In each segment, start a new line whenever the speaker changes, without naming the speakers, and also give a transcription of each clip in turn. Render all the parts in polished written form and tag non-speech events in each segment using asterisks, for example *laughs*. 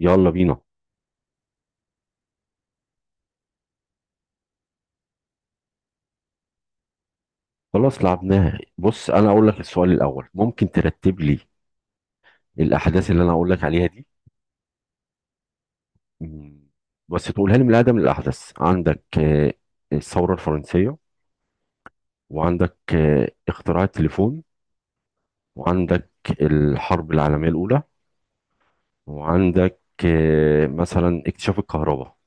يلا بينا. خلاص لعبناها. بص، انا اقول لك السؤال الاول. ممكن ترتب لي الاحداث اللي انا اقول لك عليها دي؟ مم. بس تقولها لي من الاقدم للاحدث. عندك الثوره الفرنسيه، وعندك اختراع التليفون، وعندك الحرب العالميه الاولى، وعندك مثلا اكتشاف الكهرباء.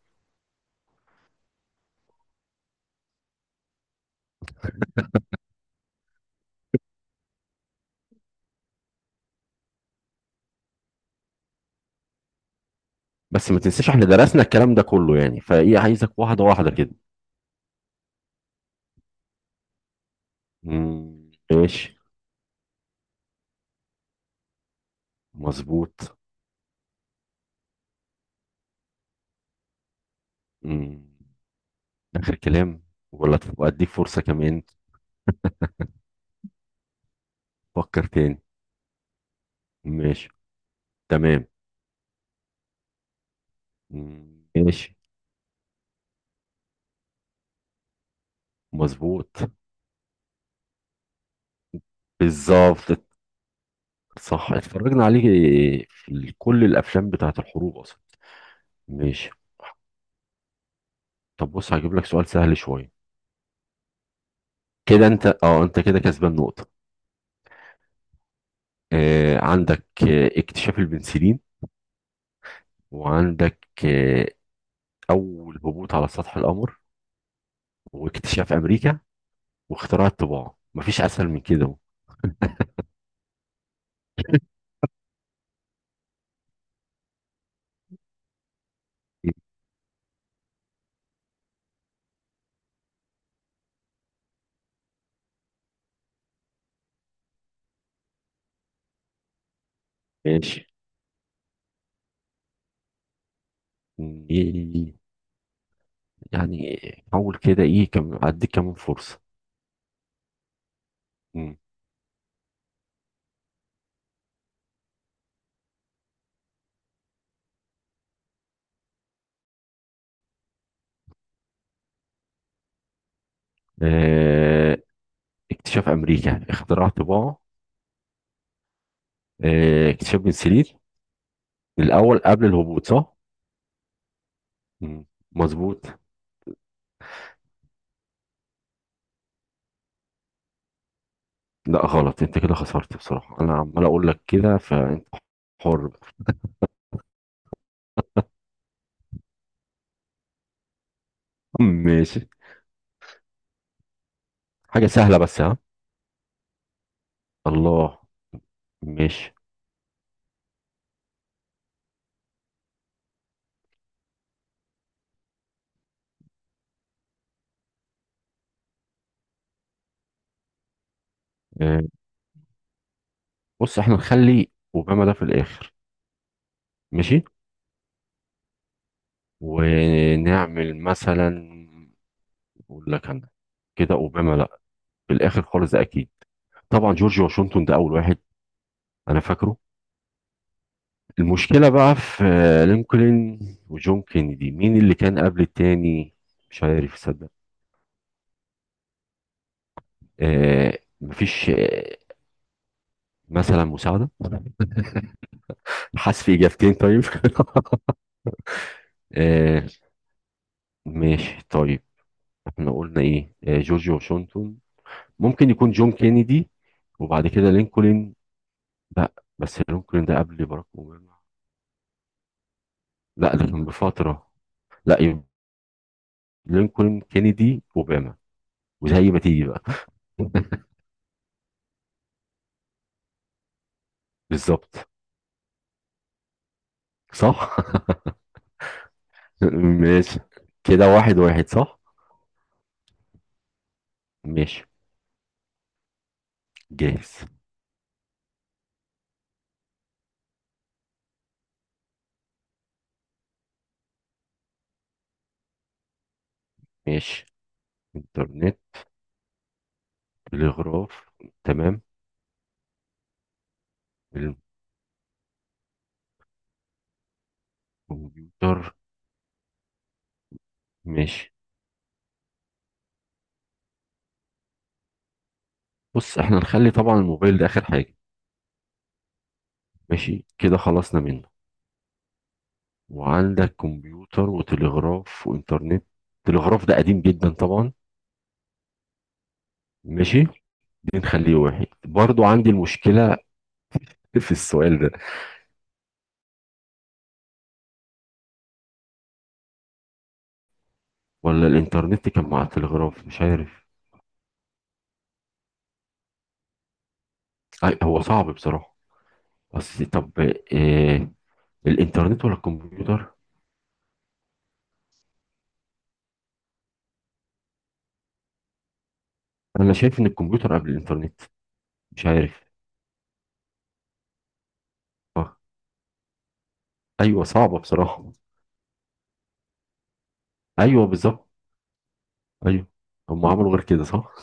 بس ما تنساش احنا درسنا الكلام ده كله يعني، فايه عايزك واحده واحده كده. ماشي. مظبوط. مم. اخر كلام، ولا تبقى اديك فرصه كمان؟ فكر تاني. ماشي. تمام. مم، ماشي. مظبوط. بالظبط. صح، اتفرجنا عليه في كل الافلام بتاعت الحروب اصلا. ماشي. طب بص، هجيب لك سؤال سهل شويه. كده انت، اه، انت كده كسبان نقطه. آه، عندك اكتشاف البنسلين، وعندك اول هبوط على سطح القمر، واكتشاف امريكا، واختراع الطباعه. مفيش اسهل من كده اهو. ماشي. إيه- يعني حاول كده. ايه، كم اديك كمان فرصه. آه، اكتشاف امريكا يعني اختراع طباعه. اكتشاف بنسلين الاول قبل الهبوط، صح؟ مم. مظبوط. لا غلط، انت كده خسرت بصراحه. انا عمال اقول لك كده، فانت حر بقى. ماشي. حاجه سهله بس، ها؟ الله. ماشي. آه، بص احنا نخلي اوباما ده في الاخر. ماشي. ونعمل مثلا، اقول لك انا كده، اوباما لا في الاخر خالص ده اكيد. طبعا جورج واشنطن ده اول واحد، انا فاكره. المشكلة بقى في لينكولن وجون كينيدي، مين اللي كان قبل التاني؟ مش عارف صدق. آه، مفيش آه، مثلا مساعدة، حذف إجابتين طيب؟ *laughs* آه، ماشي طيب. احنا قلنا ايه؟ آه، جورج واشنطن، ممكن يكون جون كينيدي، وبعد كده لينكولن. لا، بس لينكولن ده قبل باراك أوباما. لا ده كان بفترة. لا، يبقى لينكولن كينيدي أوباما، وزي ما تيجي بقى. *laughs* بالظبط. صح. *laughs* ماشي، كده واحد واحد، صح. ماشي، جاهز. ماشي. انترنت. تلغراف. تمام. الكمبيوتر. ماشي. بص احنا نخلي طبعا الموبايل ده اخر حاجة. ماشي كده، خلصنا منه. وعندك كمبيوتر، وتلغراف، وانترنت. التلغراف ده قديم جدا طبعا. ماشي. دي نخليه واحد برضو. عندي المشكلة في السؤال ده. ولا الانترنت كان مع التلغراف، مش عارف. أي، هو صعب بصراحة. بس طب، آه، الانترنت ولا الكمبيوتر؟ انا شايف ان الكمبيوتر قبل الانترنت. مش عارف. صح. ايوه، صعبه بصراحه. ايوه بالظبط. ايوه، هم عملوا غير كده، صح.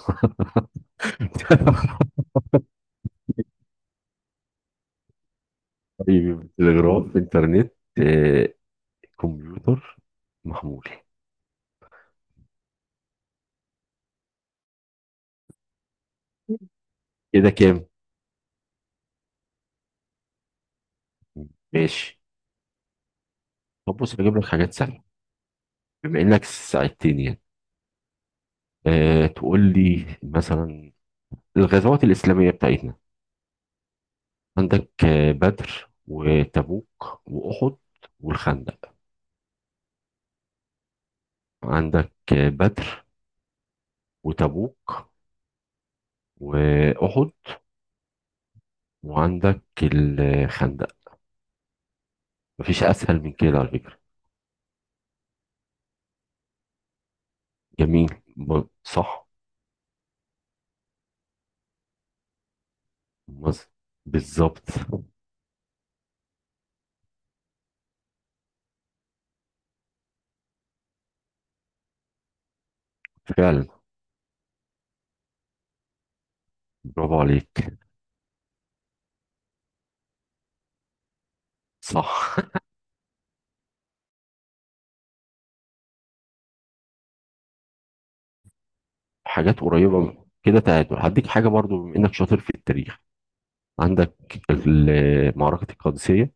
*laughs* طيب، تلغراف، انترنت، آه، كمبيوتر، محمول. كده كام؟ ماشي. طب بص، بجيب لك حاجات سهله بما انك ساعدتني يعني. أه، تقول لي مثلا الغزوات الاسلاميه بتاعتنا. عندك بدر، وتبوك، واحد، والخندق. عندك بدر، وتبوك، وأحد، وعندك الخندق. مفيش أسهل من كده على فكرة. جميل. صح. مز- بالظبط. فعلا. برافو عليك. صح. *laughs* حاجات قريبة كده. تعادل، هديك حاجة برضو بما إنك شاطر في التاريخ. عندك معركة القادسية،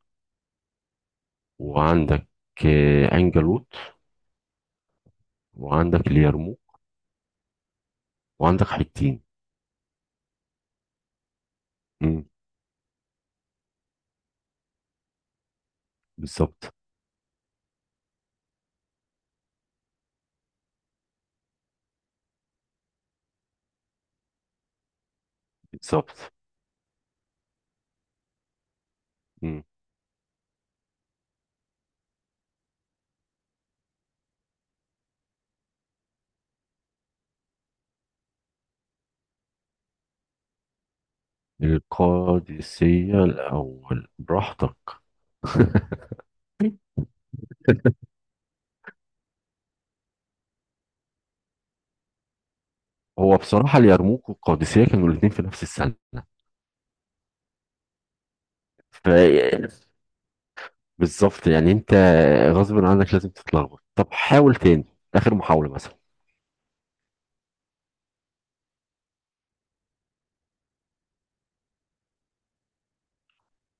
وعندك عين جالوت، وعندك اليرموك، وعندك حطين. مم، بالظبط. بالظبط. مم. القادسية الأول، براحتك. *laughs* هو بصراحة اليرموك والقادسية كانوا الاتنين في نفس السنة، ف- بالظبط يعني، انت غصب عنك لازم تتلخبط. طب حاول تاني، آخر محاولة مثلا.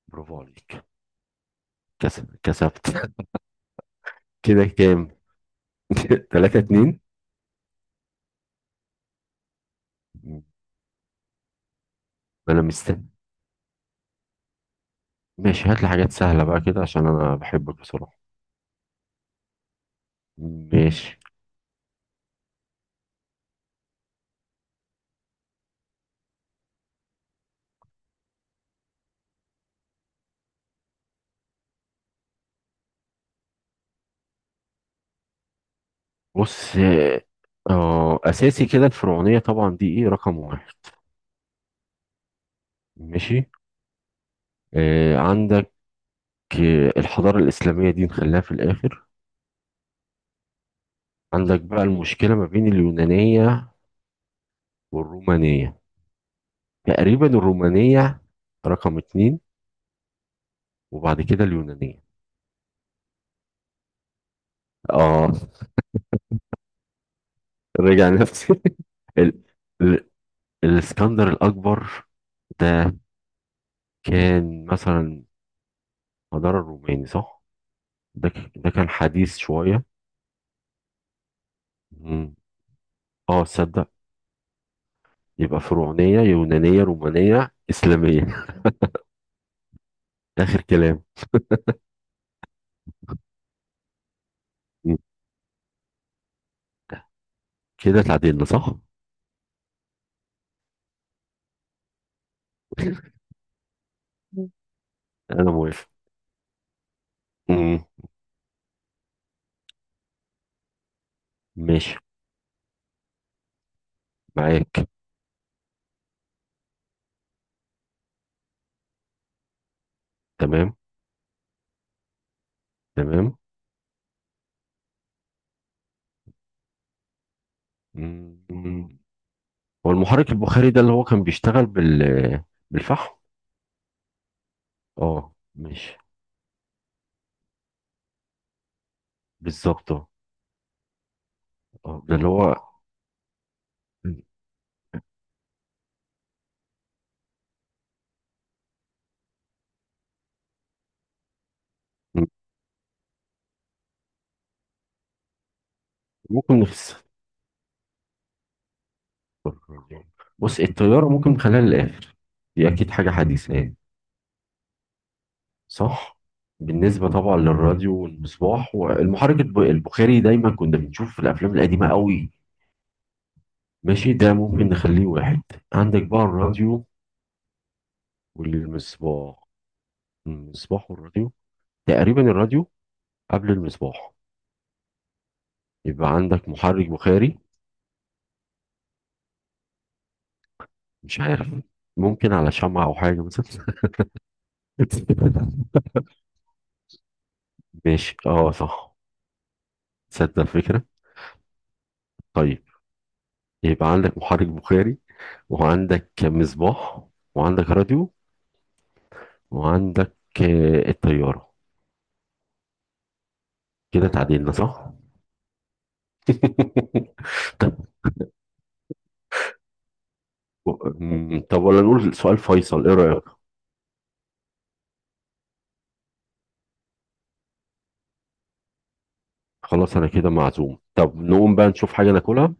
برافو عليك. كسب، كسبت. *laughs* كده كام؟ *laughs* تلاتة اتنين. ما انا مستني. ماشي، هات لي حاجات سهلة بقى كده، عشان انا بحبك بصراحة. ماشي بص. اه، اساسي كده الفرعونية طبعا دي ايه، رقم واحد. ماشي. آه، عندك، آه، الحضارة الإسلامية دي نخليها في الآخر. عندك بقى المشكلة ما بين اليونانية والرومانية. تقريبا الرومانية رقم اتنين، وبعد كده اليونانية. اه، رجع نفسي. *laughs* ال... ال... الاسكندر الأكبر ده كان مثلا حضارة الروماني، صح؟ ده ك... ده كان حديث شوية. مم. اه، تصدق. يبقى فرعونية، يونانية، رومانية، إسلامية. *laughs* آخر كلام. مم. كده اتعدلنا، صح؟ *laughs* مم. أنا موافق. مم. ماشي. معاك. تمام، تمام. مم. هو المحرك البخاري ده اللي هو كان بيشتغل بال- بالفحم. اه، ماشي. بالظبط، اه. ده اللي هو، مم. ممكن نفس، بص الطيارة ممكن نخليها للآخر، دي أكيد حاجة حديثة يعني. صح. بالنسبة طبعا للراديو والمصباح والمحرك البخاري، دايما كنا بنشوف في الأفلام القديمة قوي. ماشي ده، ممكن نخليه واحد. عندك بقى الراديو والمصباح. المصباح والراديو، تقريبا الراديو قبل المصباح. يبقى عندك محرك بخاري. مش عارف، ممكن على شمعة أو حاجة مثلا. *laughs* ماشي، اه صح. تصدق الفكرة. طيب، يبقى عندك محرك بخاري، وعندك مصباح، وعندك راديو، وعندك الطيارة. كده تعديلنا، صح؟ *laughs* طب، طب ولا نقول سؤال فيصل، ايه رأيك؟ خلاص انا كده معزوم. طب نقوم بقى نشوف حاجة ناكلها.